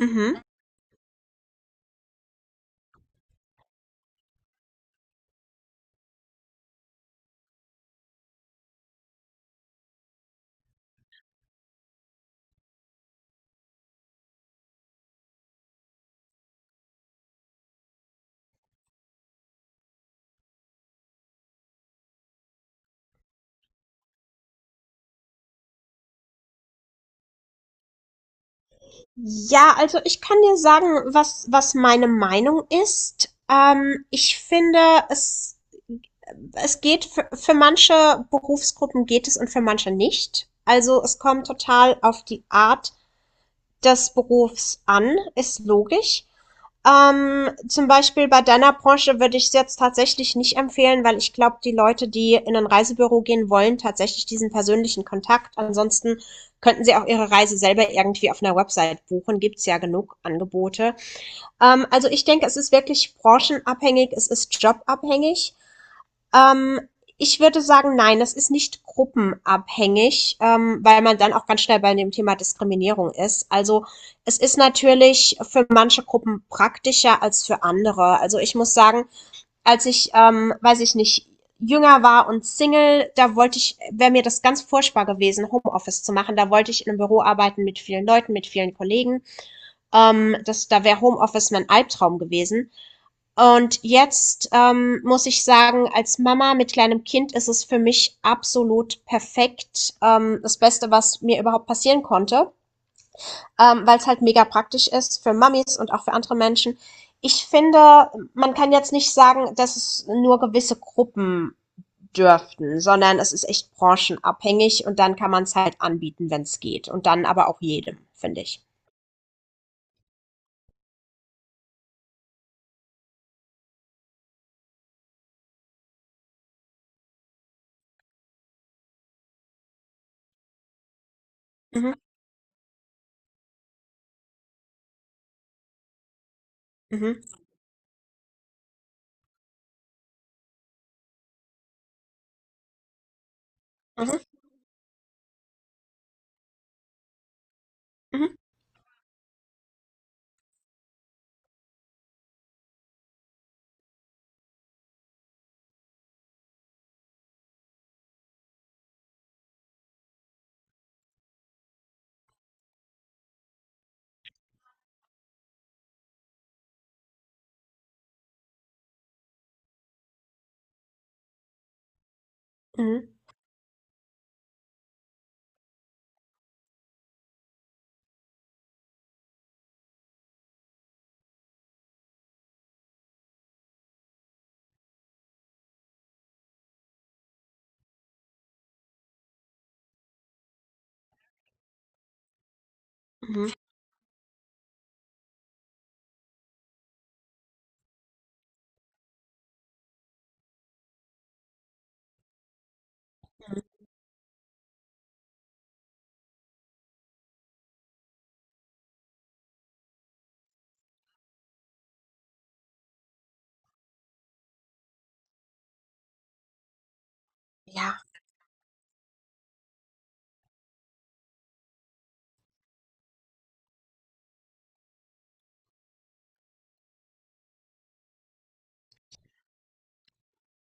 Mhm. Ja, also ich kann dir sagen, was meine Meinung ist. Ich finde, es, es geht für, manche Berufsgruppen geht es und für manche nicht. Also es kommt total auf die Art des Berufs an, ist logisch. Zum Beispiel bei deiner Branche würde ich es jetzt tatsächlich nicht empfehlen, weil ich glaube, die Leute, die in ein Reisebüro gehen wollen, tatsächlich diesen persönlichen Kontakt. Ansonsten könnten sie auch ihre Reise selber irgendwie auf einer Website buchen. Gibt's ja genug Angebote. Also ich denke, es ist wirklich branchenabhängig, es ist jobabhängig. Ähm, Ich würde sagen, nein, das ist nicht gruppenabhängig, weil man dann auch ganz schnell bei dem Thema Diskriminierung ist. Also es ist natürlich für manche Gruppen praktischer als für andere. Also ich muss sagen, als ich, weiß ich nicht, jünger war und Single, wäre mir das ganz furchtbar gewesen, Homeoffice zu machen. Da wollte ich in einem Büro arbeiten mit vielen Leuten, mit vielen Kollegen. Da wäre Homeoffice mein Albtraum gewesen. Und jetzt muss ich sagen, als Mama mit kleinem Kind ist es für mich absolut perfekt. Das Beste, was mir überhaupt passieren konnte, weil es halt mega praktisch ist für Mamis und auch für andere Menschen. Ich finde, man kann jetzt nicht sagen, dass es nur gewisse Gruppen dürften, sondern es ist echt branchenabhängig und dann kann man es halt anbieten, wenn es geht. Und dann aber auch jedem, finde ich. Mhm, mhm, mhm, mhm, mhm, mhm, mhm. Ja,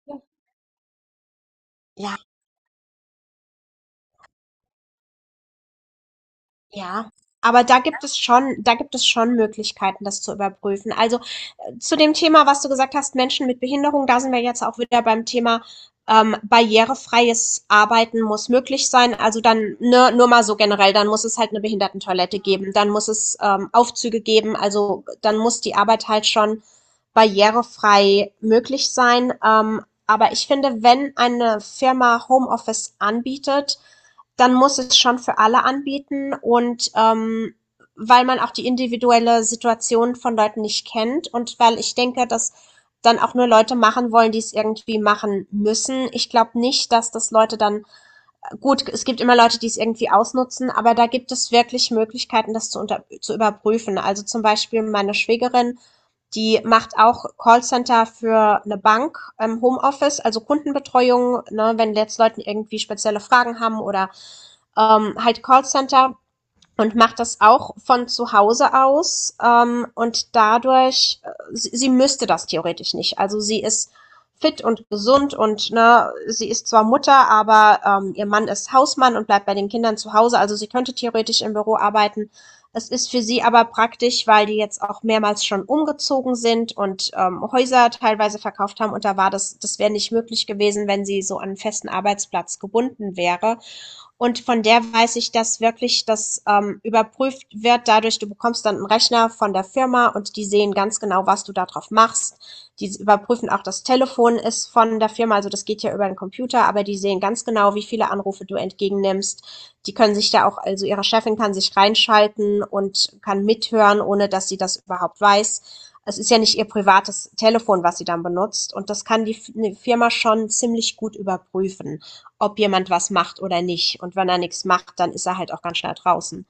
ja, ja. Ja, aber da gibt es schon Möglichkeiten, das zu überprüfen. Also, zu dem Thema, was du gesagt hast, Menschen mit Behinderung, da sind wir jetzt auch wieder beim Thema, barrierefreies Arbeiten muss möglich sein. Also dann, ne, nur mal so generell, dann muss es halt 'ne Behindertentoilette geben, dann muss es, Aufzüge geben, also dann muss die Arbeit halt schon barrierefrei möglich sein. Aber ich finde, wenn eine Firma Homeoffice anbietet, dann muss es schon für alle anbieten und weil man auch die individuelle Situation von Leuten nicht kennt und weil ich denke, dass dann auch nur Leute machen wollen, die es irgendwie machen müssen. Ich glaube nicht, dass das Leute dann gut, es gibt immer Leute, die es irgendwie ausnutzen, aber da gibt es wirklich Möglichkeiten, zu überprüfen. Also zum Beispiel meine Schwägerin, die macht auch Callcenter für eine Bank im Homeoffice, also Kundenbetreuung, ne, wenn jetzt Leute irgendwie spezielle Fragen haben oder halt Callcenter und macht das auch von zu Hause aus, und dadurch, sie müsste das theoretisch nicht. Also sie ist fit und gesund und ne, sie ist zwar Mutter, aber ihr Mann ist Hausmann und bleibt bei den Kindern zu Hause. Also sie könnte theoretisch im Büro arbeiten. Es ist für sie aber praktisch, weil die jetzt auch mehrmals schon umgezogen sind und Häuser teilweise verkauft haben und das wäre nicht möglich gewesen, wenn sie so an einen festen Arbeitsplatz gebunden wäre. Und von der weiß ich, dass wirklich das überprüft wird. Dadurch, du bekommst dann einen Rechner von der Firma und die sehen ganz genau, was du da drauf machst. Die überprüfen auch, das Telefon ist von der Firma, also das geht ja über den Computer, aber die sehen ganz genau, wie viele Anrufe du entgegennimmst. Die können sich da auch, also ihre Chefin kann sich reinschalten und kann mithören, ohne dass sie das überhaupt weiß. Es ist ja nicht ihr privates Telefon, was sie dann benutzt und das kann die Firma schon ziemlich gut überprüfen, ob jemand was macht oder nicht. Und wenn er nichts macht, dann ist er halt auch ganz schnell draußen.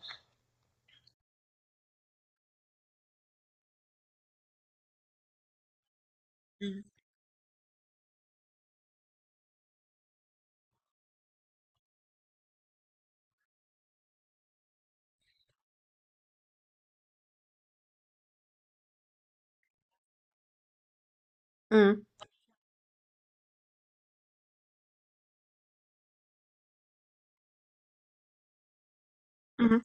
Mhm. Mhm.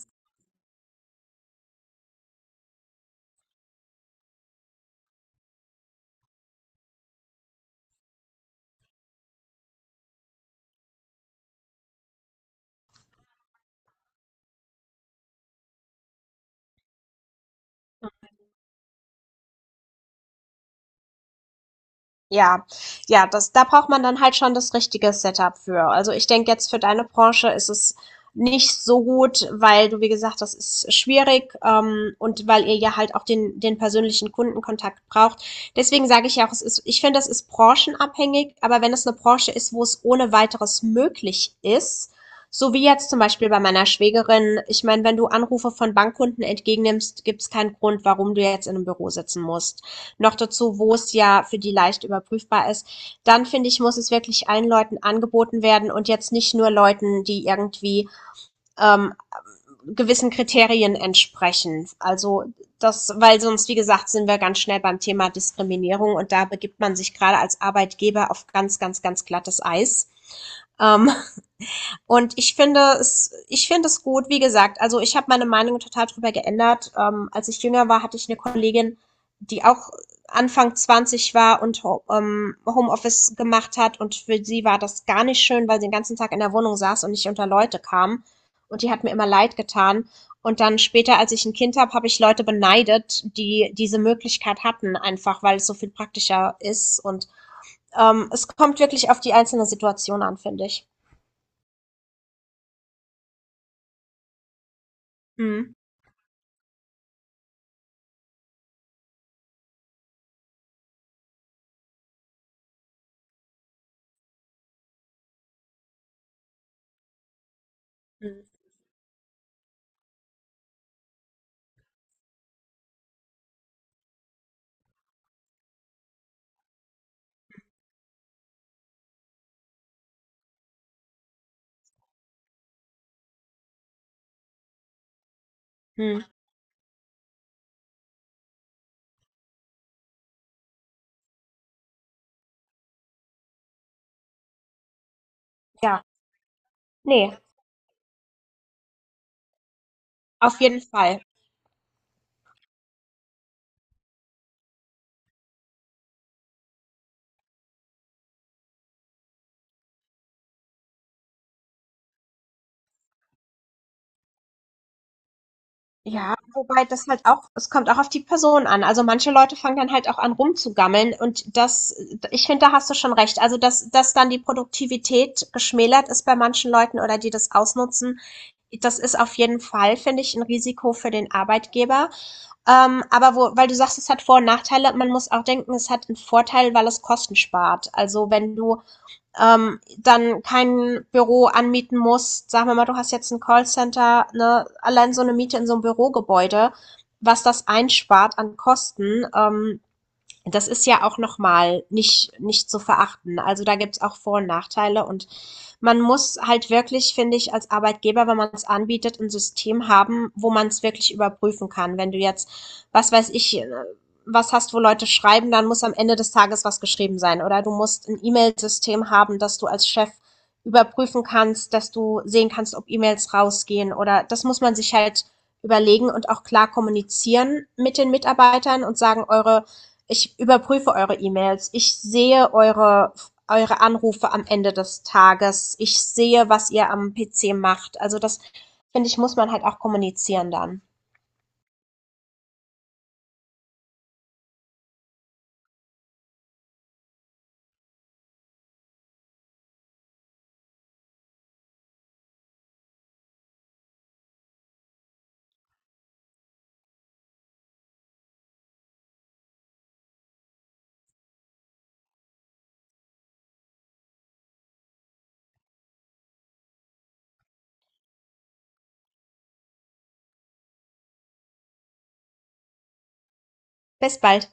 Ja, ja, das, da braucht man dann halt schon das richtige Setup für. Also, ich denke jetzt für deine Branche ist es nicht so gut, weil du, wie gesagt, das ist schwierig, und weil ihr ja halt auch den persönlichen Kundenkontakt braucht. Deswegen sage ich ja auch, es ist ich finde, das ist branchenabhängig, aber wenn es eine Branche ist, wo es ohne Weiteres möglich ist, so wie jetzt zum Beispiel bei meiner Schwägerin, ich meine, wenn du Anrufe von Bankkunden entgegennimmst, gibt es keinen Grund, warum du jetzt in einem Büro sitzen musst, noch dazu, wo es ja für die leicht überprüfbar ist, dann finde ich, muss es wirklich allen Leuten angeboten werden und jetzt nicht nur Leuten, die irgendwie ähm, gewissen Kriterien entsprechen. Also das, weil sonst, wie gesagt, sind wir ganz schnell beim Thema Diskriminierung und da begibt man sich gerade als Arbeitgeber auf ganz, ganz, ganz glattes Eis. Ähm, und ich finde es gut, wie gesagt, also ich habe meine Meinung total drüber geändert. Als ich jünger war, hatte ich eine Kollegin, die auch Anfang 20 war und Homeoffice gemacht hat und für sie war das gar nicht schön, weil sie den ganzen Tag in der Wohnung saß und nicht unter Leute kam. Und die hat mir immer leid getan. Und dann später, als ich ein Kind habe, habe ich Leute beneidet, die diese Möglichkeit hatten, einfach weil es so viel praktischer ist. Und es kommt wirklich auf die einzelne Situation an, finde ich. Mhm. Mhm. Ja, ne, auf jeden Fall. Ja, wobei das halt auch, es kommt auch auf die Person an. Also, manche Leute fangen dann halt auch an rumzugammeln und das ich finde, da hast du schon recht. Also, dass dann die Produktivität geschmälert ist bei manchen Leuten oder die das ausnutzen, das ist auf jeden Fall, finde ich, ein Risiko für den Arbeitgeber. Aber wo weil du sagst, es hat Vor- und Nachteile, man muss auch denken, es hat einen Vorteil, weil es Kosten spart. Also, wenn du dann kein Büro anmieten musst. Sagen wir mal, du hast jetzt ein Callcenter, ne, allein so eine Miete in so einem Bürogebäude, was das einspart an Kosten, das ist ja auch nochmal nicht zu verachten. Also da gibt's auch Vor- und Nachteile und man muss halt wirklich, finde ich, als Arbeitgeber, wenn man es anbietet, ein System haben, wo man es wirklich überprüfen kann. Wenn du jetzt, was weiß ich, was hast, wo Leute schreiben, dann muss am Ende des Tages was geschrieben sein. Oder du musst ein E-Mail-System haben, dass du als Chef überprüfen kannst, dass du sehen kannst, ob E-Mails rausgehen. Oder das muss man sich halt überlegen und auch klar kommunizieren mit den Mitarbeitern und sagen, eure ich überprüfe eure E-Mails. Ich sehe eure Anrufe am Ende des Tages. Ich sehe, was ihr am PC macht. Also das, finde ich, muss man halt auch kommunizieren dann. Bis bald.